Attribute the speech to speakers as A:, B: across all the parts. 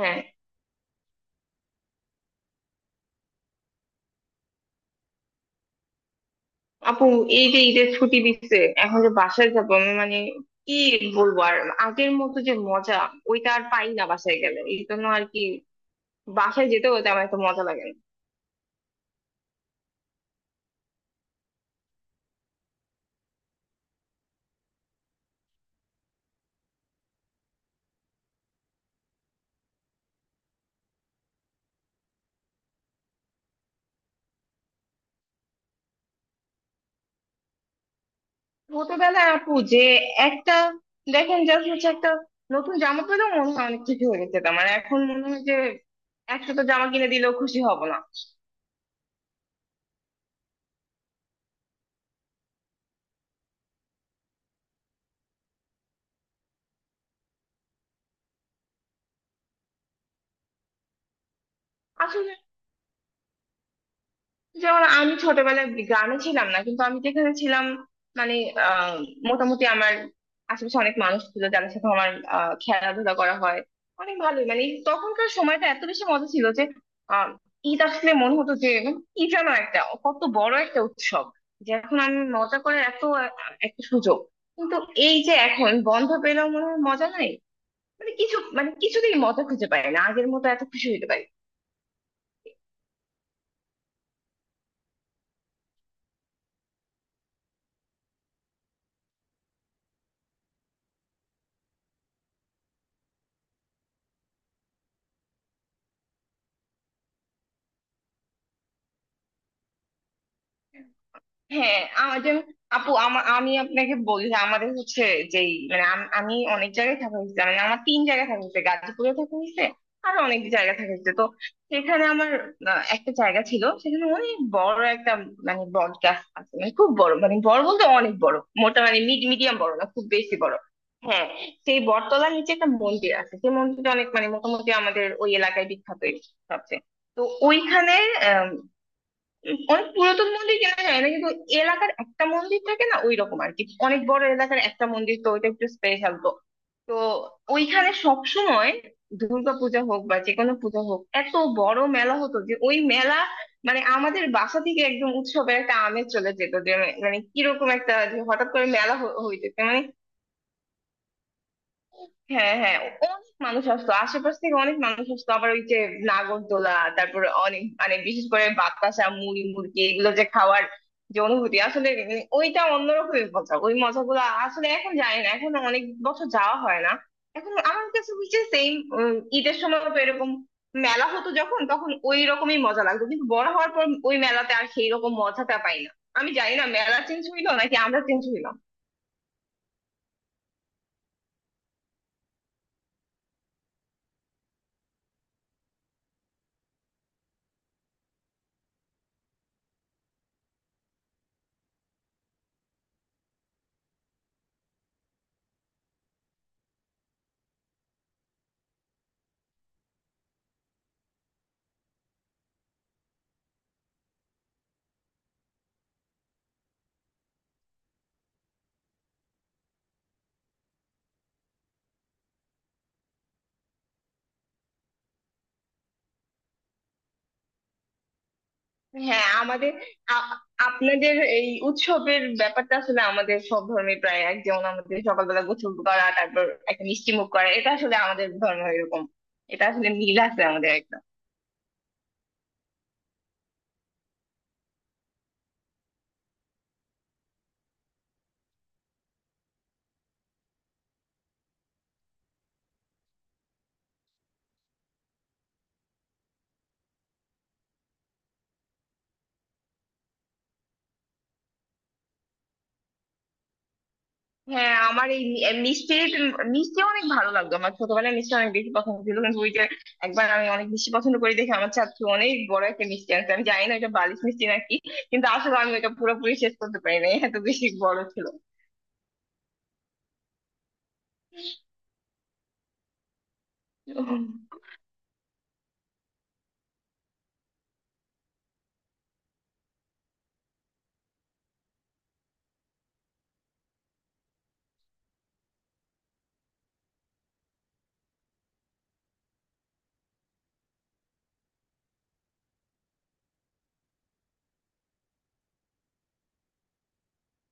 A: হ্যাঁ আপু, এই যে ঈদের ছুটি দিচ্ছে, এখন যে বাসায় যাবো, আমি মানে কি বলবো আর? আগের মতো যে মজা, ওইটা আর পাই না বাসায় গেলে, এই জন্য আর কি বাসায় যেতেও তেমন একটা মজা লাগে না। ছোটবেলায় আপু যে একটা, দেখেন জাস্ট হচ্ছে একটা নতুন জামা পেলেও মনে হয় অনেক কিছু হয়ে গেছে, আমার এখন মনে হয় যে একসাথে জামা কিনে দিলেও খুশি হব না। আসলে, যেমন আমি ছোটবেলায় গ্রামে ছিলাম না, কিন্তু আমি যেখানে ছিলাম, মানে আহ, মোটামুটি আমার আশেপাশে অনেক মানুষ ছিল যাদের সাথে আমার খেলাধুলা করা হয়, অনেক ভালোই মানে তখনকার সময়টা এত বেশি মজা ছিল যে আহ, ঈদ আসলে মনে হতো যে মানে কি যেন একটা, কত বড় একটা উৎসব, যে এখন আমি মজা করার এত একটা সুযোগ, কিন্তু এই যে এখন বন্ধ পেলেও মনে হয় মজা নাই, মানে কিছু মানে কিছুতেই মজা খুঁজে পাই না, আগের মতো এত খুশি হইতে পারি না। হ্যাঁ, আমার যেমন আপু, আমি আপনাকে বলি যে আমাদের হচ্ছে যেই মানে আমি অনেক জায়গায় থাকা হয়েছে, মানে আমার তিন জায়গায় থাকা হয়েছে, গাজীপুরে থাকা হয়েছে, আর অনেক জায়গায় থাকা হয়েছে। তো সেখানে আমার একটা জায়গা ছিল, সেখানে অনেক বড় একটা মানে বট গাছ আছে, মানে খুব বড়, মানে বড় বলতে অনেক বড়, মোটা মানে মিড মিডিয়াম, বড় না খুব বেশি বড়। হ্যাঁ, সেই বটতলার নিচে একটা মন্দির আছে, সেই মন্দিরটা অনেক মানে মোটামুটি আমাদের ওই এলাকায় বিখ্যাত সবচেয়ে। তো ওইখানে অনেক পুরাতন মন্দির, কেনা যায় না কিন্তু এলাকার একটা মন্দির থাকে না ওই রকম আর কি, অনেক বড় এলাকার একটা মন্দির, তো ওইটা একটু স্পেশাল। তো তো ওইখানে সবসময় দুর্গা পূজা হোক বা যে কোনো পূজা হোক, এত বড় মেলা হতো যে ওই মেলা মানে আমাদের বাসা থেকে একদম উৎসবের একটা আমেজ চলে যেত, যে মানে কিরকম একটা যে হঠাৎ করে মেলা হইতেছে মানে। হ্যাঁ হ্যাঁ, অনেক মানুষ আসতো আশেপাশ থেকে, অনেক মানুষ আসতো। আবার ওই যে নাগরদোলা, তারপরে অনেক মানে বিশেষ করে বাতাসা মুড়ি মুড়কি, এগুলো যে খাওয়ার যে অনুভূতি আসলে ওইটা অন্যরকমের মজা, ওই মজাগুলো আসলে এখন জানি না, এখন অনেক বছর যাওয়া হয় না। এখন আমার কাছে হচ্ছে সেম, ঈদের সময় তো এরকম মেলা হতো, যখন তখন ওই রকমই মজা লাগতো, কিন্তু বড় হওয়ার পর ওই মেলাতে আর সেই রকম মজাটা পাই না। আমি জানি না মেলা চেঞ্জ হইলো নাকি আমরা চেঞ্জ হইলাম। হ্যাঁ, আমাদের আ- আপনাদের এই উৎসবের ব্যাপারটা আসলে আমাদের সব ধর্মে প্রায় এক, যেমন আমাদের সকালবেলা গোসল করা তারপর একটা মিষ্টি মুখ করা, এটা আসলে আমাদের ধর্ম এরকম। এটা আসলে মিল আছে আমাদের একটা। হ্যাঁ, আমার এই এই মিষ্টি মিষ্টি অনেক ভালো লাগতো, আমার ছোটবেলায় মিষ্টি অনেক বেশি পছন্দ ছিল। কিন্তু ওই যে, একবার আমি অনেক মিষ্টি পছন্দ করি দেখে আমার ছাত্র অনেক বড় একটা মিষ্টি আনছে, আমি জানি না এটা বালিশ মিষ্টি নাকি, কিন্তু আসলে আমি এটা পুরোপুরি শেষ করতে পারি না, এত বেশি বড় ছিল।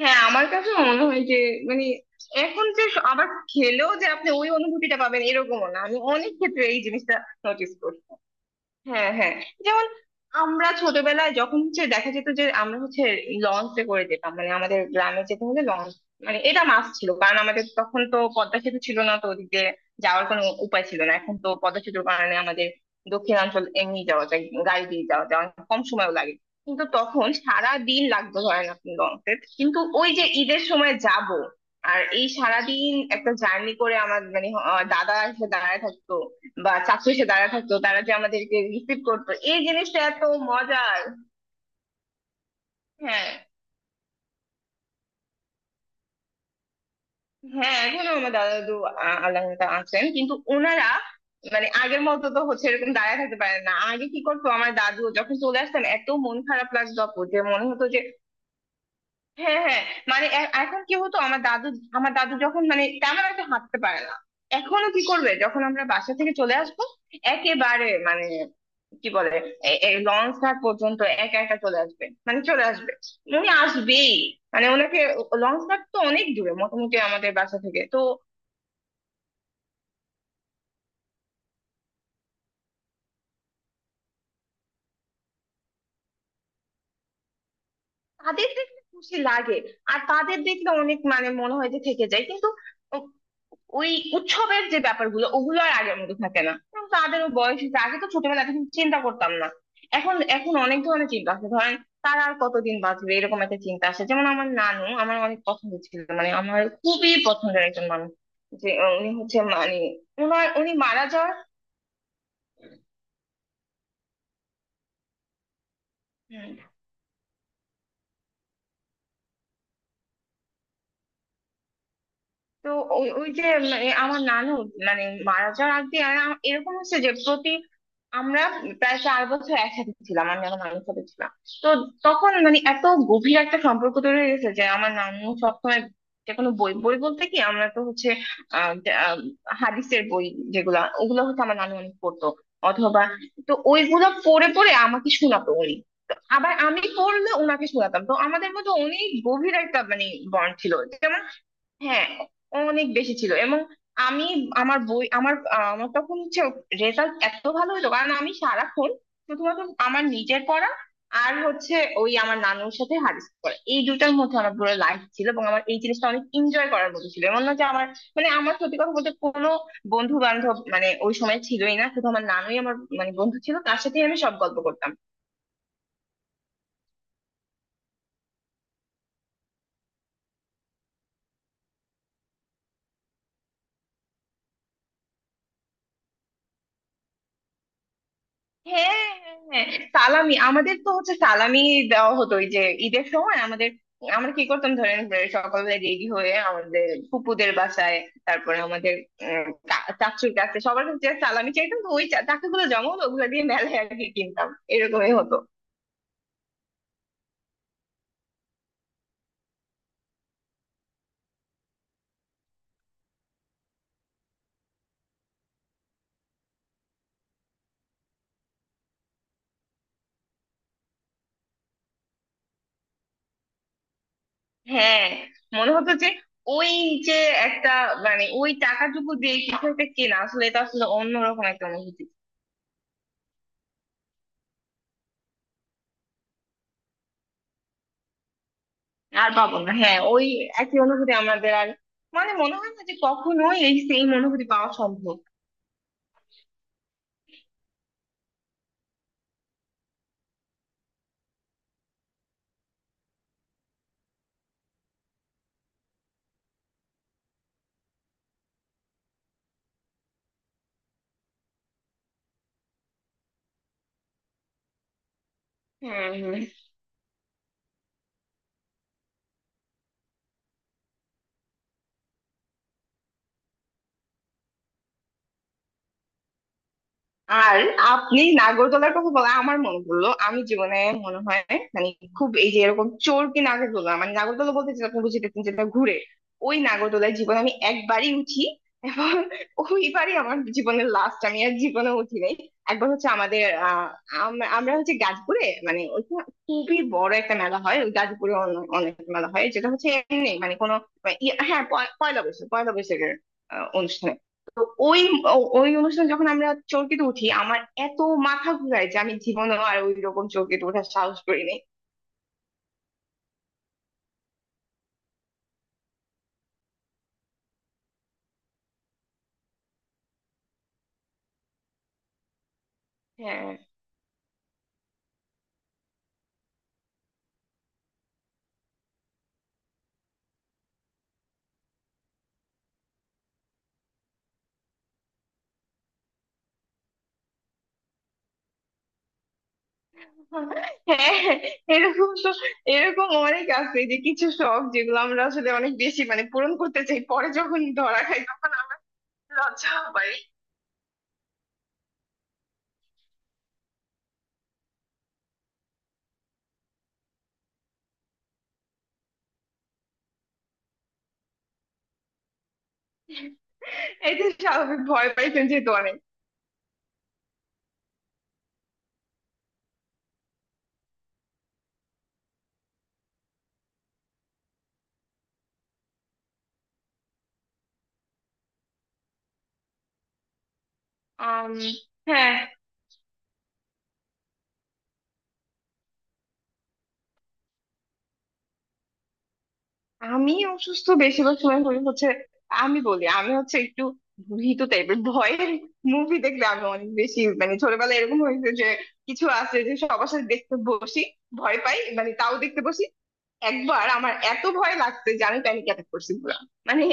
A: হ্যাঁ আমার কাছেও মনে হয় যে মানে এখন যে আবার খেলেও যে আপনি ওই অনুভূতিটা পাবেন এরকমও না, আমি অনেক ক্ষেত্রে এই জিনিসটা নোটিস করি। হ্যাঁ হ্যাঁ, যেমন আমরা ছোটবেলায় যখন হচ্ছে দেখা যেত যে আমরা হচ্ছে লঞ্চে করে যেতাম, মানে আমাদের গ্রামে যেতে হলে লঞ্চ মানে এটা মাস ছিল, কারণ আমাদের তখন তো পদ্মা সেতু ছিল না, তো ওদিকে যাওয়ার কোনো উপায় ছিল না। এখন তো পদ্মা সেতুর কারণে আমাদের দক্ষিণাঞ্চল এমনি যাওয়া যায়, গাড়ি দিয়ে যাওয়া যায়, অনেক কম সময়ও লাগে। কিন্তু তখন সারা দিন লাগতো, ধরেন আপনি লঞ্চে, কিন্তু ওই যে ঈদের সময় যাব আর এই সারাদিন একটা জার্নি করে আমার মানে দাদা এসে দাঁড়ায় থাকতো বা চাকু এসে দাঁড়া থাকতো, তারা যে আমাদেরকে রিসিভ করতো, এই জিনিসটা এত মজার। হ্যাঁ হ্যাঁ, এখনো আমার দাদা দাদু আল্লাহ তাআলা আছেন, কিন্তু ওনারা মানে আগের মতো তো হচ্ছে এরকম দাঁড়ায় থাকতে পারে না। আগে কি করতো, আমার দাদু যখন চলে আসতেন এত মন খারাপ লাগতো আপু, যে মনে হতো যে হ্যাঁ হ্যাঁ মানে এখন কি হতো, আমার দাদু, আমার দাদু যখন মানে তেমন একটা হাঁটতে পারে না, এখনো কি করবে যখন আমরা বাসা থেকে চলে আসবো, একেবারে মানে কি বলে, এই লঞ্চ ঘাট পর্যন্ত একা একা চলে আসবে, মানে চলে আসবে, উনি আসবেই, মানে ওনাকে, লঞ্চ ঘাট তো অনেক দূরে মোটামুটি আমাদের বাসা থেকে তো। তাদের দেখলে খুশি লাগে, আর তাদের দেখলে অনেক মানে মনে হয় যে থেকে যায়, কিন্তু ওই উৎসবের যে ব্যাপারগুলো, ওগুলো আর আগের মতো থাকে না। এখন তাদেরও বয়স হয়েছে, আগে তো ছোটবেলায় এত কিছু চিন্তা করতাম না। এখন এখন অনেক ধরনের চিন্তা আছে, ধরেন তারা আর কতদিন বাঁচবে এরকম একটা চিন্তা আসে। যেমন আমার নানু আমার অনেক পছন্দ ছিল, মানে আমার খুবই পছন্দের একজন মানুষ যে, উনি হচ্ছে মানে উনার উনি মারা যাওয়ার, তো ওই ওই যে মানে আমার নানু মানে মারা যাওয়ার আগে, আর এরকম হচ্ছে যে প্রতি, আমরা প্রায় চার বছর একসাথে ছিলাম, আমি আমার নানুর সাথে ছিলাম। তো তখন মানে এত গভীর একটা সম্পর্ক তৈরি হয়ে গেছে যে আমার নানু সবসময় যে কোনো বই, বই বলতে কি আমরা তো হচ্ছে আহ যে, আহ, হাদিসের বই যেগুলা, ওগুলো হচ্ছে আমার নানু অনেক পড়তো অথবা, তো ওইগুলো পড়ে পড়ে আমাকে শোনাতো উনি, তো আবার আমি পড়লে ওনাকে শোনাতাম, তো আমাদের মধ্যে অনেক গভীর একটা মানে বন্ড ছিল। হ্যাঁ, অনেক বেশি ছিল, এবং আমি আমার বই আমার আমার তখন হচ্ছে রেজাল্ট এত ভালো হতো, কারণ আমি সারাক্ষণ শুধুমাত্র আমার নিজের পড়া আর হচ্ছে ওই আমার নানুর সাথে হাদিস পড়া, এই দুটার মধ্যে আমার পুরো লাইফ ছিল, এবং আমার এই জিনিসটা অনেক এনজয় করার মতো ছিল। এমন না যে আমার মানে, আমার সত্যি কথা বলতে কোনো বন্ধু বান্ধব মানে ওই সময় ছিলই না, শুধু আমার নানুই আমার মানে বন্ধু ছিল, তার সাথে আমি সব গল্প করতাম। হ্যাঁ, হ্যাঁ, হ্যাঁ, সালামি, আমাদের তো হচ্ছে সালামি দেওয়া হতো ওই যে ঈদের সময় আমাদের। আমরা কি করতাম, ধরেন যে সকালবেলা রেডি হয়ে আমাদের ফুপুদের বাসায়, তারপরে আমাদের চাচুর কাছে সবার কাছে যে সালামি চাইতাম, তো ওই টাকাগুলো জমাও ওগুলো দিয়ে মেলায় আর কি কিনতাম, এরকমই হতো। হ্যাঁ মনে হতো যে ওই যে একটা মানে ওই টাকাটুকু দিয়ে কিছু একটা কেনা, আসলে এটা আসলে অন্যরকম একটা অনুভূতি। আর পাবো না, হ্যাঁ ওই একই অনুভূতি আমাদের আর, মানে মনে হয় না যে কখনোই এই সেম অনুভূতি পাওয়া সম্ভব। হ্যাঁ হ্যাঁ, আর আপনি নাগরদোলার কথা বলা, আমার মনে পড়লো আমি জীবনে মনে হয় মানে খুব, এই যে এরকম চরকি নাগরদোলা, মানে নাগরদোলা বলতে যেটা আপনি বুঝিতেছেন যেটা ঘুরে, ওই নাগরদোলায় জীবনে আমি একবারই উঠি, এবং ওইবারই আমার জীবনের লাস্ট, আমি আর জীবনে উঠি নাই। একবার হচ্ছে আমাদের আমরা হচ্ছে গাজীপুরে, মানে ওইখানে খুবই বড় একটা মেলা হয়, ওই গাজীপুরে অনেক মেলা হয়, যেটা হচ্ছে এমনি মানে কোনো হ্যাঁ পয়লা বৈশাখ, পয়লা বৈশাখের অনুষ্ঠানে, তো ওই ওই অনুষ্ঠানে যখন আমরা চরকিতে উঠি, আমার এত মাথা ঘুরায় যে আমি জীবনে আর ওই রকম চরকিতে ওঠার সাহস করি নাই। হ্যাঁ হ্যাঁ, এরকম এরকম অনেক আছে যে কিছু শখ, যেগুলো আমরা আসলে অনেক বেশি মানে পূরণ করতে চাই, পরে যখন ধরা খাই তখন লজ্জা পাই। এটা স্বাভাবিক, ভয় পাই কিন্তু যেহেতু অনেক আম, হ্যাঁ আমি অসুস্থ বেশিরভাগ সময় হই হচ্ছে, আমি বলি আমি হচ্ছে একটু ভীতু টাইপের, ভয়ের মুভি দেখলে আমি অনেক বেশি মানে ছোটবেলায় এরকম হয়েছে যে, কিছু আছে যে সবার সাথে দেখতে বসি, ভয় পাই মানে তাও দেখতে বসি। একবার আমার এত ভয় লাগছে যে আমি প্যানিক অ্যাটাক করছি পুরো মানে,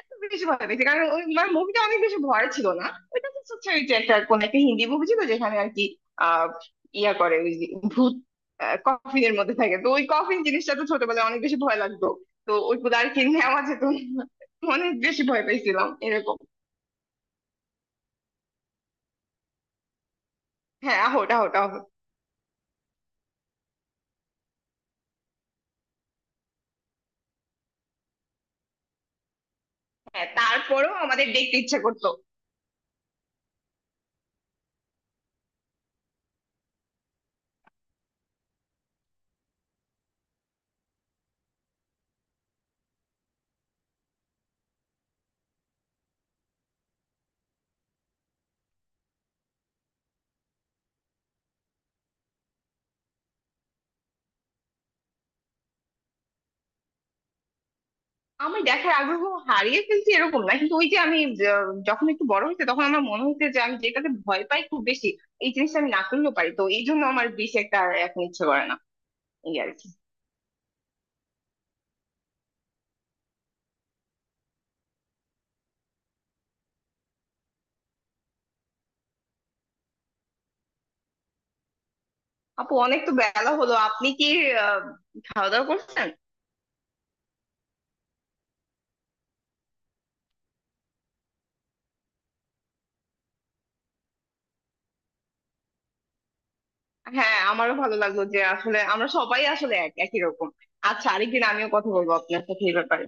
A: এত বেশি ভয় পেয়েছি, কারণ ওই মানে মুভিটা অনেক বেশি ভয় ছিল না, ওইটা তো সোসাইটি একটা কোন একটা হিন্দি মুভি ছিল, যেখানে আর কি আহ ইয়া করে ওই যে ভূত কফিনের মধ্যে থাকে, তো ওই কফিন জিনিসটা তো ছোটবেলায় অনেক বেশি ভয় লাগতো, তো ওইগুলো আর কি নেওয়া যেত না। অনেক বেশি ভয় পেয়েছিলাম এরকম। হ্যাঁ, আহট আহট আহট। হ্যাঁ তারপরেও আমাদের দেখতে ইচ্ছা করতো। আমি দেখার আগ্রহ হারিয়ে ফেলছি এরকম না, কিন্তু ওই যে আমি যখন একটু বড় হয়েছে তখন আমার মনে হচ্ছে যে আমি যেটাতে ভয় পাই খুব বেশি, এই জিনিসটা আমি না করলেও পারি, তো এই জন্য আমার বেশি একটা আর এখন ইচ্ছে করে না, এই আর কি। আপু অনেক তো বেলা হলো, আপনি কি আহ, খাওয়া দাওয়া করছেন? হ্যাঁ আমারও ভালো লাগলো যে আসলে আমরা সবাই আসলে এক একই রকম। আচ্ছা, আরেকদিন আমিও কথা বলবো আপনার সাথে এই ব্যাপারে।